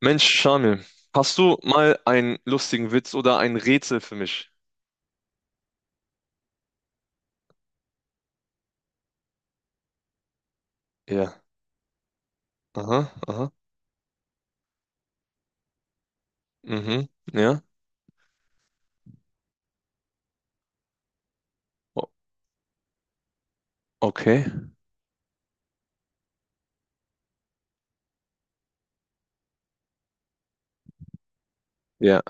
Mensch, Shamil, hast du mal einen lustigen Witz oder ein Rätsel für mich? Ja. Aha, aha. Mhm. Ja. O okay. Ja.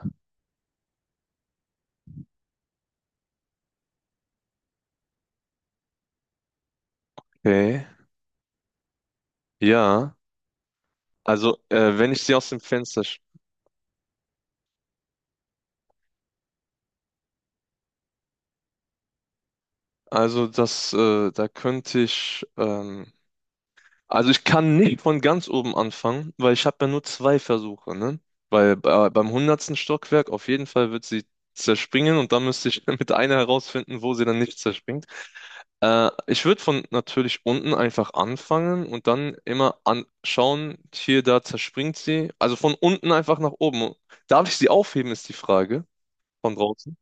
Okay. Ja. Also, wenn ich sie aus dem Fenster. Also, das, da könnte ich. Also, ich kann nicht von ganz oben anfangen, weil ich habe ja nur zwei Versuche, ne? Weil beim hundertsten Stockwerk auf jeden Fall wird sie zerspringen und dann müsste ich mit einer herausfinden, wo sie dann nicht zerspringt. Ich würde von natürlich unten einfach anfangen und dann immer anschauen, hier, da zerspringt sie. Also von unten einfach nach oben. Darf ich sie aufheben, ist die Frage von draußen.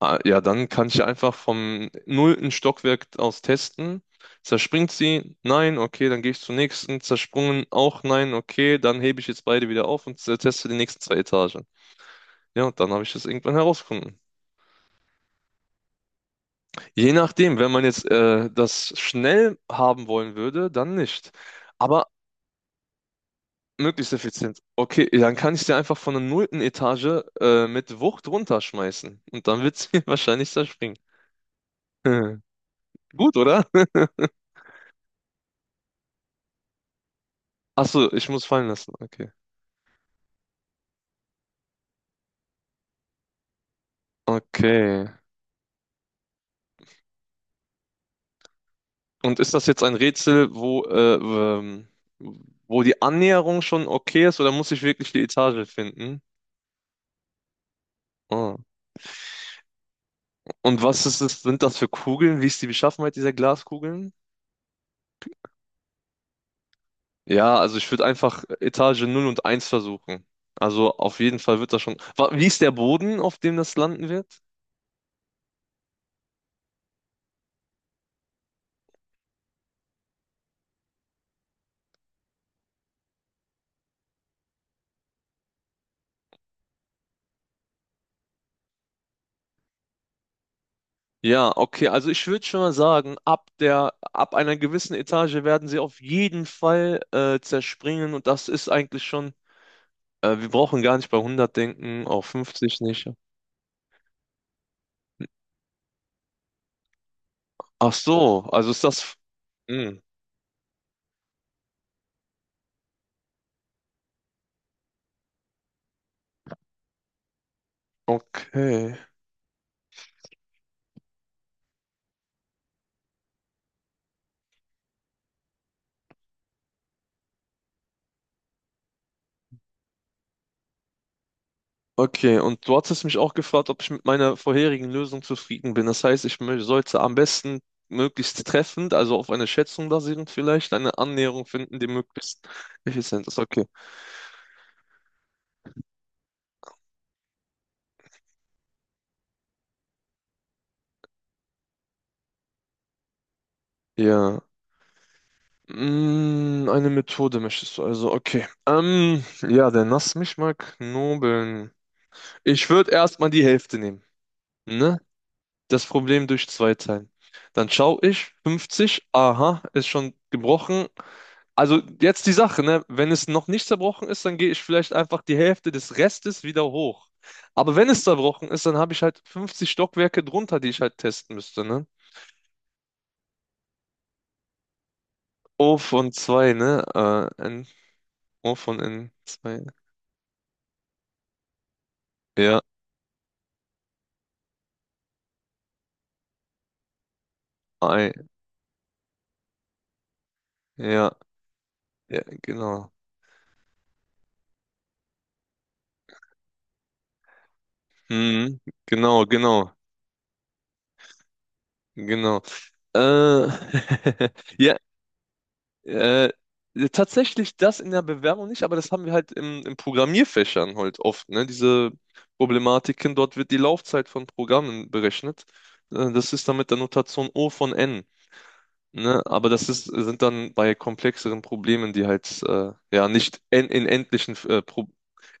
Ah, ja, dann kann ich einfach vom nullten Stockwerk aus testen. Zerspringt sie? Nein, okay, dann gehe ich zur nächsten. Zersprungen auch nein, okay, dann hebe ich jetzt beide wieder auf und teste die nächsten zwei Etagen. Ja, und dann habe ich das irgendwann herausgefunden. Je nachdem, wenn man jetzt das schnell haben wollen würde, dann nicht. Aber möglichst effizient. Okay, dann kann ich sie einfach von der nullten Etage mit Wucht runterschmeißen. Und dann wird sie wahrscheinlich zerspringen. Hm. Gut, oder? Achso, ich muss fallen lassen. Okay. Okay. Und ist das jetzt ein Rätsel, wo die Annäherung schon okay ist, oder muss ich wirklich die Etage finden? Oh. Und was ist es, sind das für Kugeln? Wie ist die Beschaffenheit dieser Glaskugeln? Ja, also ich würde einfach Etage null und eins versuchen. Also auf jeden Fall wird das schon. Wie ist der Boden, auf dem das landen wird? Ja, okay, also ich würde schon mal sagen, ab einer gewissen Etage werden sie auf jeden Fall zerspringen und das ist eigentlich schon, wir brauchen gar nicht bei 100 denken, auf 50 nicht. Ach so, also ist das, hm, okay. Okay, und du hattest mich auch gefragt, ob ich mit meiner vorherigen Lösung zufrieden bin. Das heißt, ich sollte am besten möglichst treffend, also auf eine Schätzung basierend vielleicht, eine Annäherung finden, die möglichst effizient ist. Okay. Ja. Eine Methode möchtest du also. Okay. Ja, dann lass mich mal knobeln. Ich würde erstmal die Hälfte nehmen. Ne? Das Problem durch zwei teilen. Dann schaue ich, 50, aha, ist schon gebrochen. Also jetzt die Sache, ne? Wenn es noch nicht zerbrochen ist, dann gehe ich vielleicht einfach die Hälfte des Restes wieder hoch. Aber wenn es zerbrochen ist, dann habe ich halt 50 Stockwerke drunter, die ich halt testen müsste, ne? O von zwei, ne? N, O von n zwei. Ne? Ja, I, ja, ja, genau. Hm, genau, genau, genau. Äh, ja, Äh, tatsächlich das in der Bewerbung nicht, aber das haben wir halt im Programmierfächern halt oft, ne? Diese Problematiken, dort wird die Laufzeit von Programmen berechnet. Das ist dann mit der Notation O von N, ne? Aber das ist, sind dann bei komplexeren Problemen, die halt ja nicht en in endlichen, Pro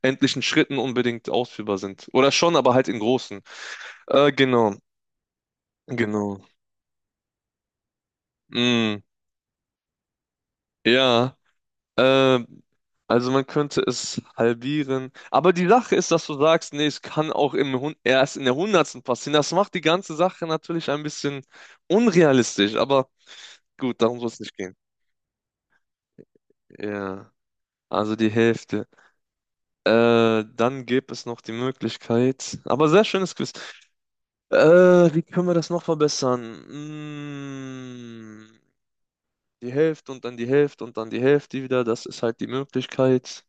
endlichen Schritten unbedingt ausführbar sind. Oder schon, aber halt in großen. Genau, genau. Mm, ja. Ähm, also man könnte es halbieren. Aber die Sache ist, dass du sagst, nee, es kann auch im Hun erst in der Hundertsten passieren. Das macht die ganze Sache natürlich ein bisschen unrealistisch. Aber gut, darum soll es nicht gehen. Ja, also die Hälfte. Dann gäbe es noch die Möglichkeit. Aber sehr schönes Quiz. Äh, Wie können wir das noch verbessern? Mm, Die Hälfte und dann die Hälfte und dann die Hälfte wieder. Das ist halt die Möglichkeit.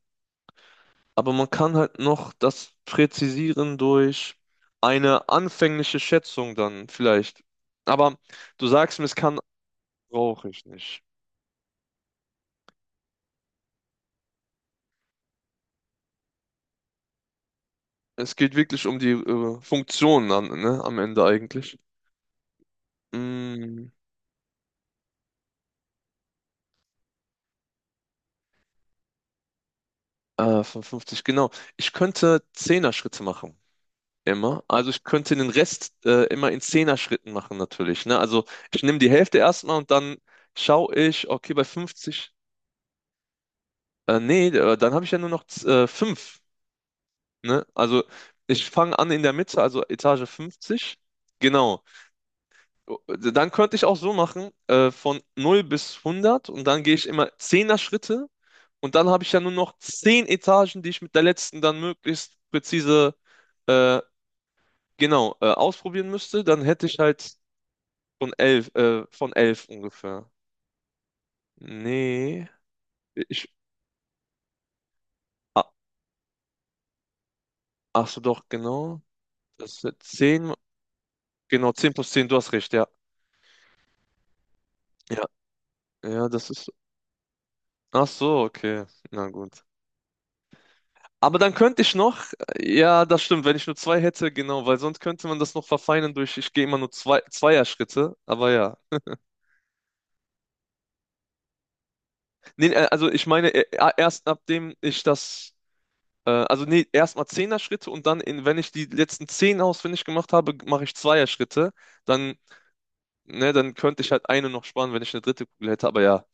Aber man kann halt noch das präzisieren durch eine anfängliche Schätzung dann vielleicht. Aber du sagst mir, es kann, brauche ich nicht. Es geht wirklich um die Funktionen an, ne, am Ende eigentlich. Mm, 55, genau. Ich könnte Zehner-Schritte machen. Immer. Also ich könnte den Rest immer in Zehner-Schritten machen natürlich. Ne? Also ich nehme die Hälfte erstmal und dann schaue ich, okay, bei 50. Nee, dann habe ich ja nur noch 5. Ne? Also ich fange an in der Mitte, also Etage 50. Genau. Dann könnte ich auch so machen, von 0 bis 100 und dann gehe ich immer 10 Schritte und dann habe ich ja nur noch 10 Etagen, die ich mit der letzten dann möglichst präzise äh, genau ausprobieren müsste. Dann hätte ich halt von elf ungefähr. Nee, ich, ah, ach so doch, genau. Das sind 10 genau, 10 plus 10. Du hast recht, ja. Ja, ja, das ist. Ach so, okay. Na gut. Aber dann könnte ich noch, ja, das stimmt, wenn ich nur zwei hätte, genau, weil sonst könnte man das noch verfeinern durch, ich gehe immer nur zwei, Zweierschritte, aber ja. Nee, also ich meine, erst nachdem ich das, also nee, erstmal Zehner-Schritte und dann, wenn ich die letzten 10 ausfindig gemacht habe, mache ich Zweierschritte, dann, ne, dann könnte ich halt eine noch sparen, wenn ich eine dritte Kugel hätte, aber ja,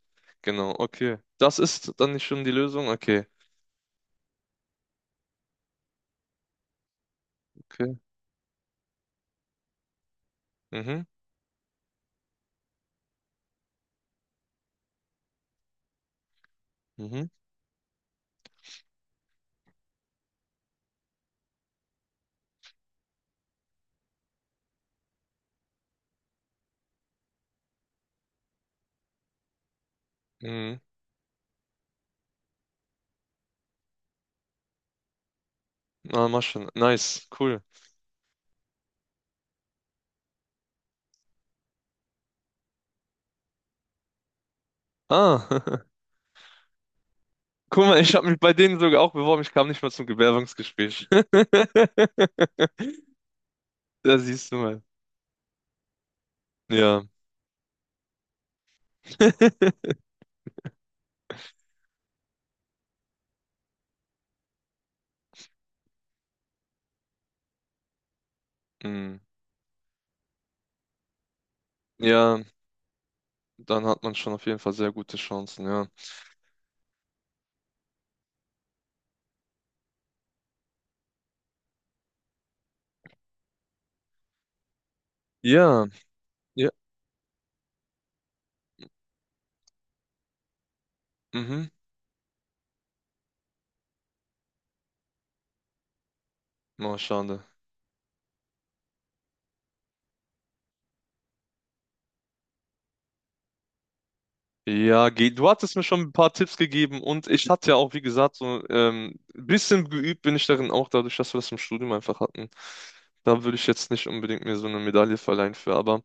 genau, okay. Das ist dann nicht schon die Lösung? Okay, okay. Mhm, mhm, mhm. Na, mach schon. Nice, cool. Ah, guck mal, ich habe mich bei denen sogar auch beworben. Ich kam nicht mal zum Bewerbungsgespräch. Da siehst du mal. Ja. Hm. Ja, dann hat man schon auf jeden Fall sehr gute Chancen, ja. Ja, ja, mhm. Oh, schade. Ja, du hattest mir schon ein paar Tipps gegeben und ich hatte ja auch, wie gesagt, so ein bisschen geübt bin ich darin auch, dadurch, dass wir das im Studium einfach hatten. Da würde ich jetzt nicht unbedingt mir so eine Medaille verleihen für, aber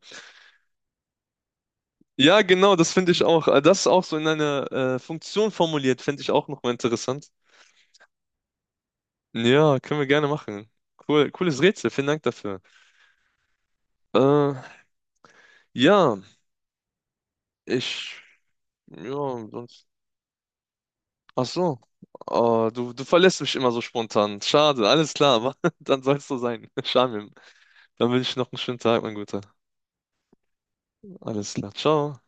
ja, genau, das finde ich auch. Das auch so in einer Funktion formuliert, finde ich auch nochmal interessant. Ja, können wir gerne machen. Cool, cooles Rätsel, vielen Dank dafür. Äh, ja, ich, ja, sonst, ach so, oh, du verlässt mich immer so spontan. Schade, alles klar, aber dann soll es so sein. Schade, dann wünsche ich noch einen schönen Tag, mein Guter. Alles klar, ciao.